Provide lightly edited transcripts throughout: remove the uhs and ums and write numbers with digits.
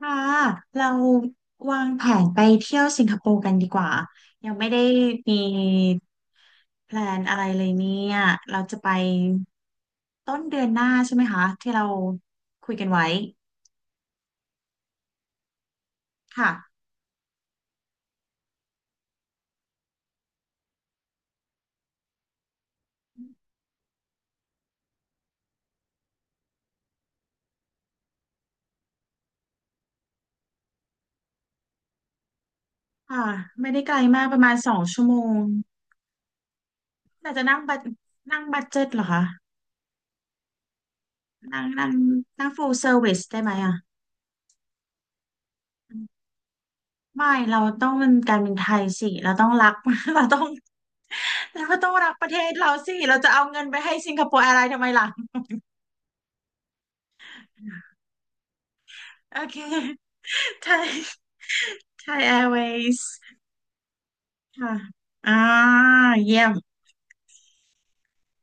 ค่ะเราวางแผนไปเที่ยวสิงคโปร์กันดีกว่ายังไม่ได้มีแพลนอะไรเลยเนี่ยเราจะไปต้นเดือนหน้าใช่ไหมคะที่เราคุยกันไว้ค่ะค่ะไม่ได้ไกลมากประมาณสองชั่วโมงน่าจะนั่งบัดเจ็ตเหรอคะนั่งนั่งนั่ง full service ได้ไหมอ่ะ ไม่เราต้องเป็นการเป็นไทยสิเราต้องรัก เราต้องเราก็ต้องรักประเทศเราสิเราจะเอาเงินไปให้สิงคโปร์แอร์ไลน์ทำไมล่ะโอเคไทยไทยแอร์เวย์ค่ะอ่าเยี่ยม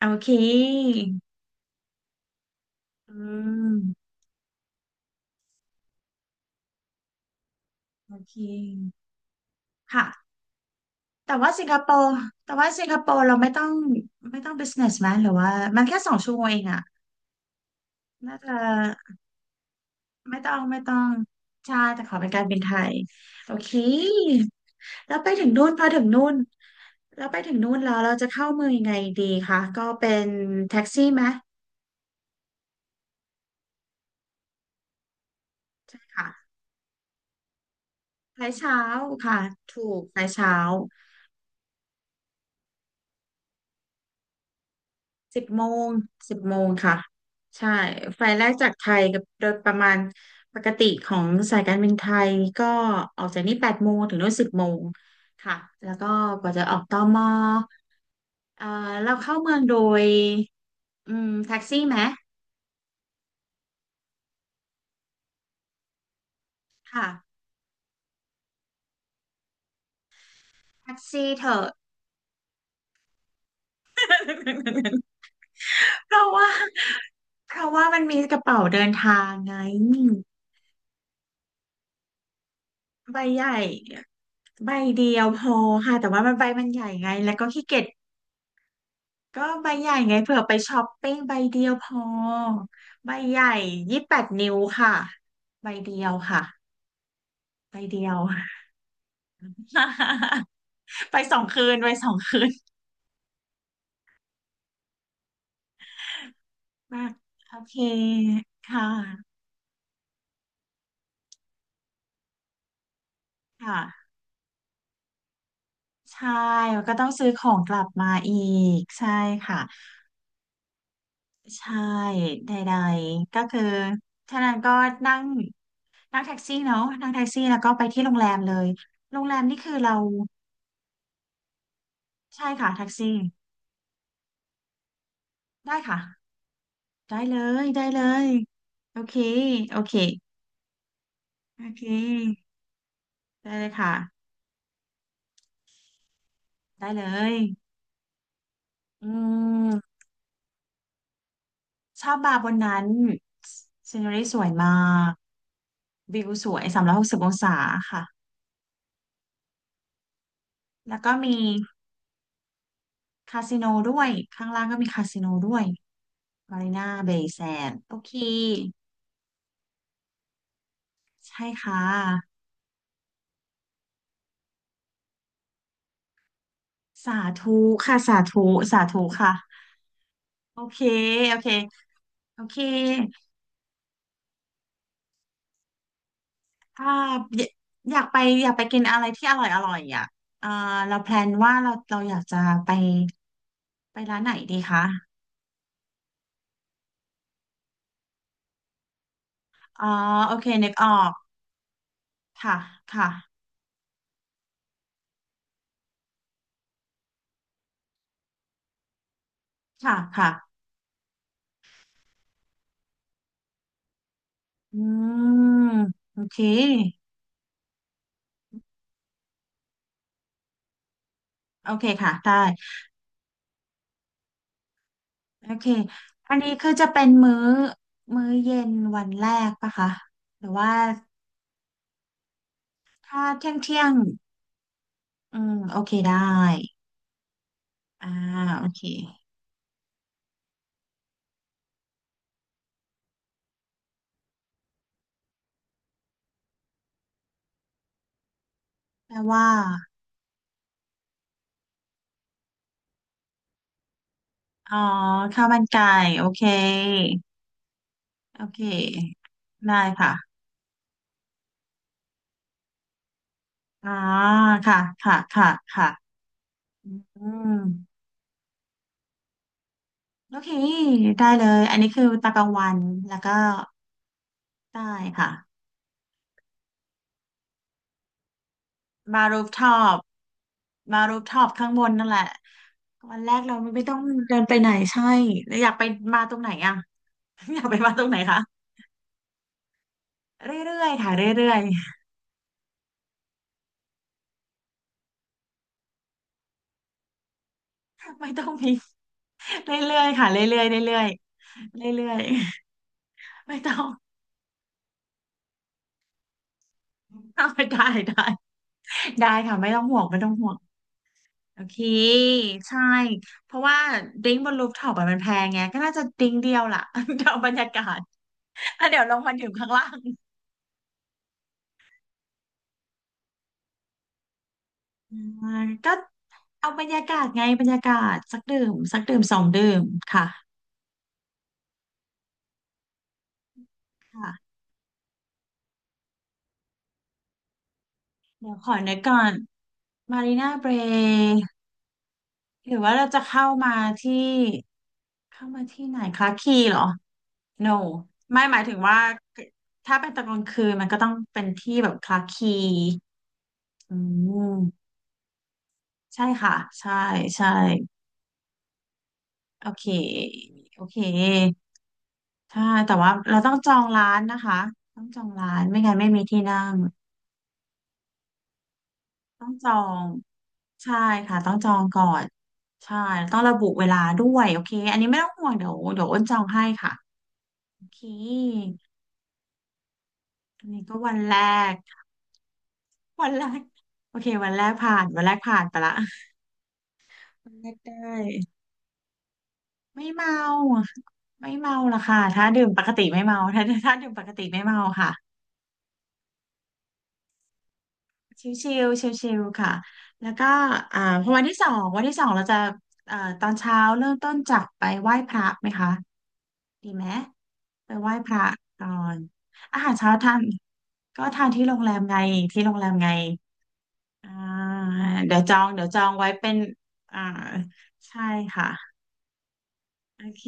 โอเคอืมโอเคค่ะแต่ว่าสิงคโปร์แต่ว่าสิงคโปร์เราไม่ต้องbusiness ไหมหรือว่ามันแค่สองชั่วโมงเองอะน่าจะไม่ต้องใช่แต่ขอเป็นการบินไทยโอเค แล้วไปถึงนู่นพอถึงนู่นแล้วไปถึงนู่นแล้วเราจะเข้าเมืองยังไงดีคะก็เป็นแท็กซี่ไหมใช่ค่ะสายเช้าค่ะถูกสายเช้าสิบโมงสิบโมงค่ะใช่ไฟล์แรกจากไทยกับโดยประมาณปกติของสายการบินไทยก็ออกจากนี่8 โมงถึงนู่นสิบโมงค่ะแล้วก็กว่าจะออกตมเอ่อเราเข้าเมืองโดยแท็กซี่ไหมค่ะแท็กซี่เถอะ เพราะว่าเพราะว่ามันมีกระเป๋าเดินทางไงใบใหญ่ใบเดียวพอค่ะแต่ว่ามันใบมันใหญ่ไงแล้วก็ขี้เกียจก็ใบใหญ่ไงเผื่อไปช้อปปิ้งใบเดียวพอใบใหญ่28 นิ้วค่ะใบเดียวค่ะใบเดียว ไปสองคืนไป2 คืนมากโอเคค่ะค่ะใช่แล้วก็ต้องซื้อของกลับมาอีกใช่ค่ะ ใช่ใดๆก็คือเท่านั้นก็นั่งนั่งแท็กซี่เนาะนั่งแท็กซี่แล้วก็ไปที่โรงแรมเลยโรงแรมนี่คือเราใช่ค่ะแท็กซี่ได้ค่ะได้เลยได้เลยโอเคโอเคโอเคได้เลยค่ะได้เลยอืมชอบบาร์บนนั้นซีน e รีสวยมากวิวสวย360 องศาค่ะแล้วก็มีคาสิโนด้วยข้างล่างก็มีคาสิโนด้วย มารินาเบย์แซนโอเคใช่ค่ะสาธุค่ะสาธุสาธุค่ะโอเคโอเคโอเคถ้าอยอยากไปอยากไปกินอะไรที่อร่อยอร่อยอ่ะเออเราแพลนว่าเราอยากจะไปไปร้านไหนดีคะอ๋อโอเคนึกออกค่ะค่ะค่ะค่ะอืมโอเคโอเคค่ะได้โอเคอันนี้คือจะเป็นมื้อเย็นวันแรกปะคะหรือว่า ถ้าเที่ยงเที่ยงอืมโอเคได้อ่าโอเคแปลว่าอ๋อข้าวมันไก่โอเค โอเคได้ค่ะอ๋อค่ะค่ะค่ะค่ะอืมโอเคได้เลยอันนี้คือตากลางวันแล้วก็ได้ค่ะมารูฟท็อปมารูฟท็อปข้างบนนั่นแหละวันแรกเราไม่ต้องเดินไปไหนใช่แล้วอยากไปมาตรงไหนอ่ะ อยากไปมาตรงไหนคะเรื่อยๆค่ะเรื่อย ไม่ต้องมีเรื่อยๆค่ะเรื่อยๆเรื่อยๆเรื่อยๆ ไม่ต้อง เอาได้ได้ได้ค่ะไม่ต้องห่วงไม่ต้องห่วงโอเคใช่เพราะว่าดริ้งก์บนรูฟท็อปอมันแพงไงก็น่าจะดริ้งก์เดียวล่ะ เดี๋ยวเอาบรรยากาศแล้วเดี๋ยวลงมาดื่มข้างล่าง อาก็เอาบรรยากาศไงบรรยากาศสักดื่มสักดื่มสองดื่มค่ะค่ะเดี๋ยวขอนึกก่อนมารีนาเบรหรือว่าเราจะเข้ามาที่เข้ามาที่ไหนคลาคีเหรอ no ไม่หมายถึงว่าถ้าเป็นตอนกลางคืนมันก็ต้องเป็นที่แบบคลาคีอืมใช่ค่ะใช่ใช่โอเคโอเคใช่แต่ว่าเราต้องจองร้านนะคะต้องจองร้านไม่งั้นไม่มีที่นั่งต้องจองใช่ค่ะต้องจองก่อนใช่ต้องระบุเวลาด้วยโอเคอันนี้ไม่ต้องห่วงเดี๋ยวอ้นจองให้ค่ะโอเคอันนี้ก็วันแรกวันแรกโอเควันแรกผ่านวันแรกผ่านไปละ ได้ได้ไม่เมาไม่เมาล่ะค่ะถ้าดื่มปกติไม่เมาถ้าดื่มปกติไม่เมาค่ะชิลๆชิลๆค่ะแล้วก็พอวันที่สองเราจะตอนเช้าเริ่มต้นจากไปไหว้พระไหมคะดีไหมไปไหว้พระก่อนอาหารเช้าทานก็ทานที่โรงแรมไงที่โรงแรมไงอ่าเดี๋ยวจองเดี๋ยวจองไว้เป็นอ่าใช่ค่ะโอเค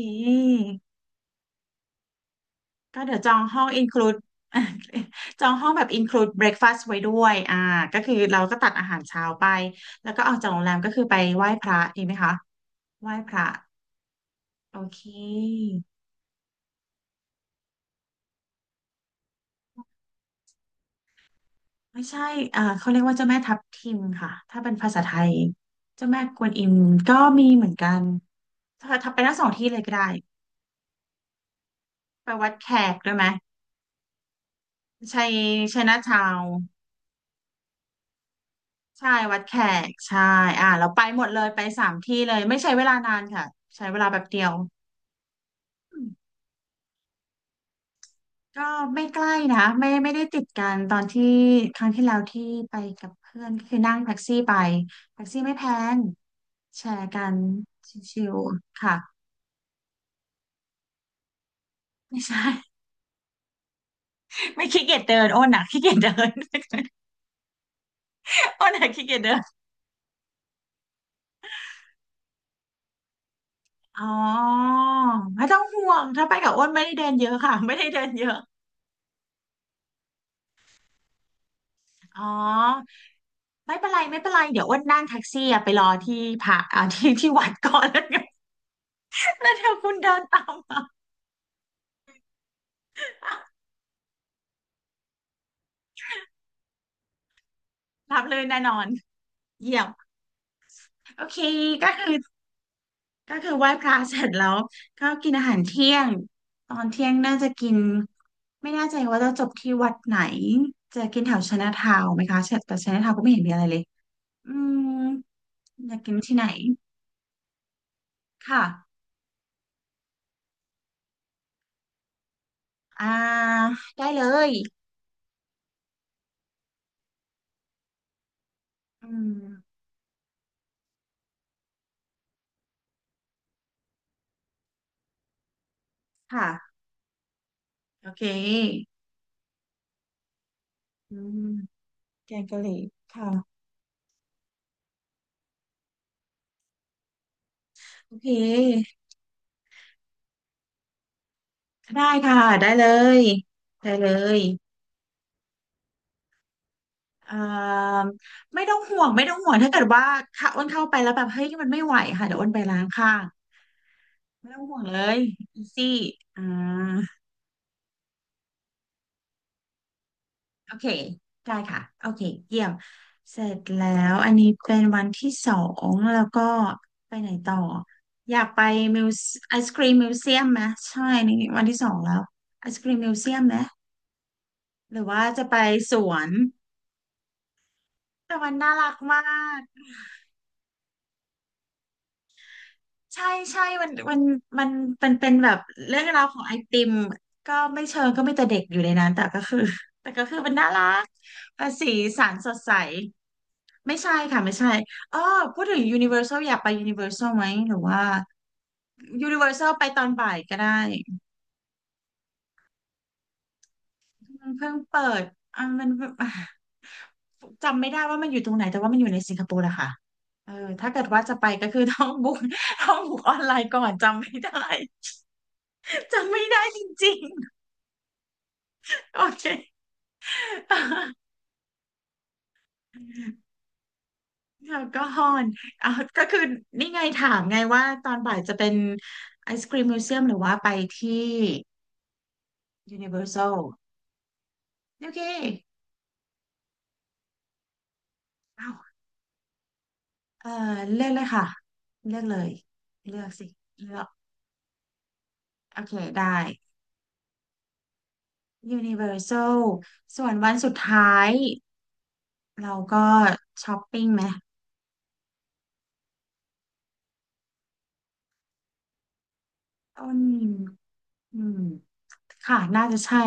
ก็เดี๋ยวจองห้อง include จองห้องแบบ include breakfast ไว้ด้วยอ่าก็คือเราก็ตัดอาหารเช้าไป แล้วก็ออกจากโรงแรมก็คือไปไหว้พระดีไหมคะไหว้พระ โอเค ไม่ใช่เขาเรียกว่าเจ้าแม่ทับทิมค่ะ ถ้าเป็นภาษาไทยเจ้าแม่กวนอิมก็มีเหมือนกัน ถ้าไปทั้งสองที่เลยก็ได้ ไปวัดแขกด้วยไหม ใช่ใช่นะชาวใช่วัดแขกใช่อ่าเราไปหมดเลยไปสามที่เลยไม่ใช้เวลานานค่ะใช้เวลาแบบเดียว ก็ไม่ใกล้นะไม่ได้ติดกันตอนที่ครั้งที่แล้วที่ไปกับเพื่อนก็คือนั่งแท็กซี่ไปแท็กซี่ไม่แพงแชร์กันชิวๆค่ะ ไม่ใช่ ไม่ขี้เกียจเดินอ้นอ่ะขี้เกียจเดิน อ้นอ่ะขี้เกียจเดินอ๋อไม่ต้องห่วงถ้าไปกับอ้นไม่ได้เดินเยอะค่ะ ไม่ได้เดินเยอะอ๋อไม่เป็นไรไม่เป็นไรเดี๋ยวอ้วนนั่งแท็กซี่อะไปรอที่ผักที่วัดก่อนแล้วกัน แล้วเดี๋ยวคุณเดินตามมารับเลยแน่นอนเยี่ยม โอเค ก็คือก็คือไหว้พระเสร็จแล้วก็กินอาหารเที่ยงตอนเที่ยงน่าจะกินไม่แน่ใจว่าจะจบที่วัดไหนจะกินแถวชนะทาวน์ไหมคะแต่ชนะทาวน์ก็ไม่เห็นมีอะไรเลยอืมอยากกินที่ไหนค่ะอ่าได้เลยอืมค่ะโอเคอืมแกงกะหรี่ค่ะโอเคได้ค่ะได้เลยได้เลย เอ่าไม่ต้องห่วงไม่ต้องห่วงถ้าเกิดว่าถ้าอ้วนเข้าไปแล้วแบบเฮ้ยมันไม่ไหวค่ะเดี๋ยวอ้วนไปล้างข้างไม่ต้องห่วงเลยอีซี่อ่าโอเคได้ค่ะโอเคเยี่ยมเสร็จแล้วอันนี้เป็นวันที่สองแล้วก็ไปไหนต่ออยากไปมิวไอศกรีมมิวเซียมไหมใช่นี่วันที่สองแล้วไอศกรีมมิวเซียมไหมหรือว่าจะไปสวนแต่มันน่ารักมาก ใช่ใช่มันมันเป็นแบบเรื่องราวของไอติมก็ไม่เชิงก็ไม่แต่เด็กอยู่ในนั้นแต่ก็คือ แต่ก็คือมันน่ารักเป็นสีสันสดใสไม่ใช่ค่ะไม่ใช่อ๋อพูดถึงยูนิเวอร์แซลอยากไปยูนิเวอร์แซลไหมหรือว่ายูนิเวอร์แซลไปตอนบ่ายก็ได้มันเพิ่งเปิดอ่ะมัน อ่ะจำไม่ได้ว่ามันอยู่ตรงไหนแต่ว่ามันอยู่ในสิงคโปร์แหละค่ะเออถ้าเกิดว่าจะไปก็คือ ต้องบุ๊กออนไลน์ก่อนจำไม่ได้ จำไม่ได้จริง โอเค แอลกอฮอล์อ่ะก็คือนี่ไงถามไงว่าตอนบ่ายจะเป็นไอศกรีมมิวเซียมหรือว่าไปที่ Universal โอเคอ้าวเออเลือกเลยค่ะเลือกเลยเลือกสิเลือกโอเคได้ Universal ส่วนวันสุดท้ายเราก็ช้อปปิ้งไหมอ้นอืมค่ะน่าจะใช่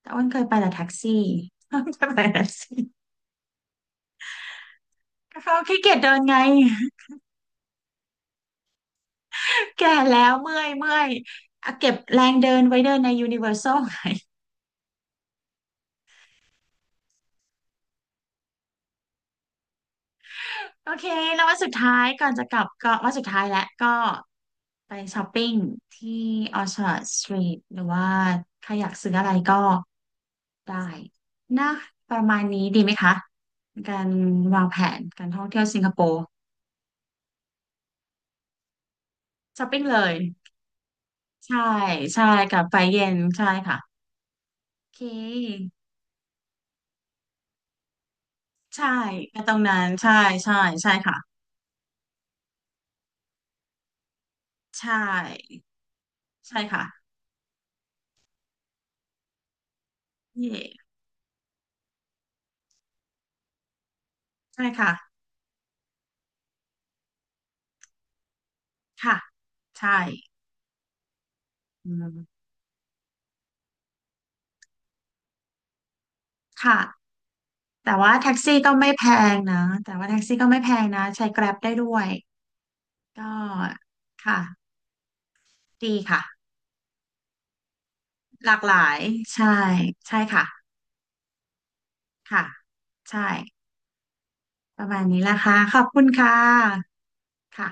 แต่อ้นเคยไปแต่แท็กซี่ เคยไปแต่แท็กซี่ก็เขาขี้เกียจเดินไง แก่แล้วเมื่อยเมื่อยอ่ะเก็บแรงเดินไว้เดินในยูนิเวอร์แซลโอเคแล้ววันสุดท้ายก่อนจะกลับก็วันสุดท้ายแล้วก็ไปช้อปปิ้งที่ออชาร์ดสตรีทหรือว่าใครอยากซื้ออะไรก็ได้นะประมาณนี้ดีไหมคะการวางแผนการท่องเที่ยวสิงคโปร์ช้อปปิ้งเลยใช่ใช่กลับไปเย็นใช่ค่ะโอเคใช่ไปตรงนั้นใช่ใช่ใช่ค่ะใช่ใช่ค่ะเย่ ใช่ค่ะค่ะใช่อืมค่ะ แต่ว่าแท็กซี่ก็ไม่แพงนะแต่ว่าแท็กซี่ก็ไม่แพงนะใช้ Grab ได้ด้วย ก็ค่ะดีค่ะ หลากหลาย ใช่ใช่ค่ะค่ะใช่ประมาณนี้ละค่ะขอบคุณค่ะ ค่ะ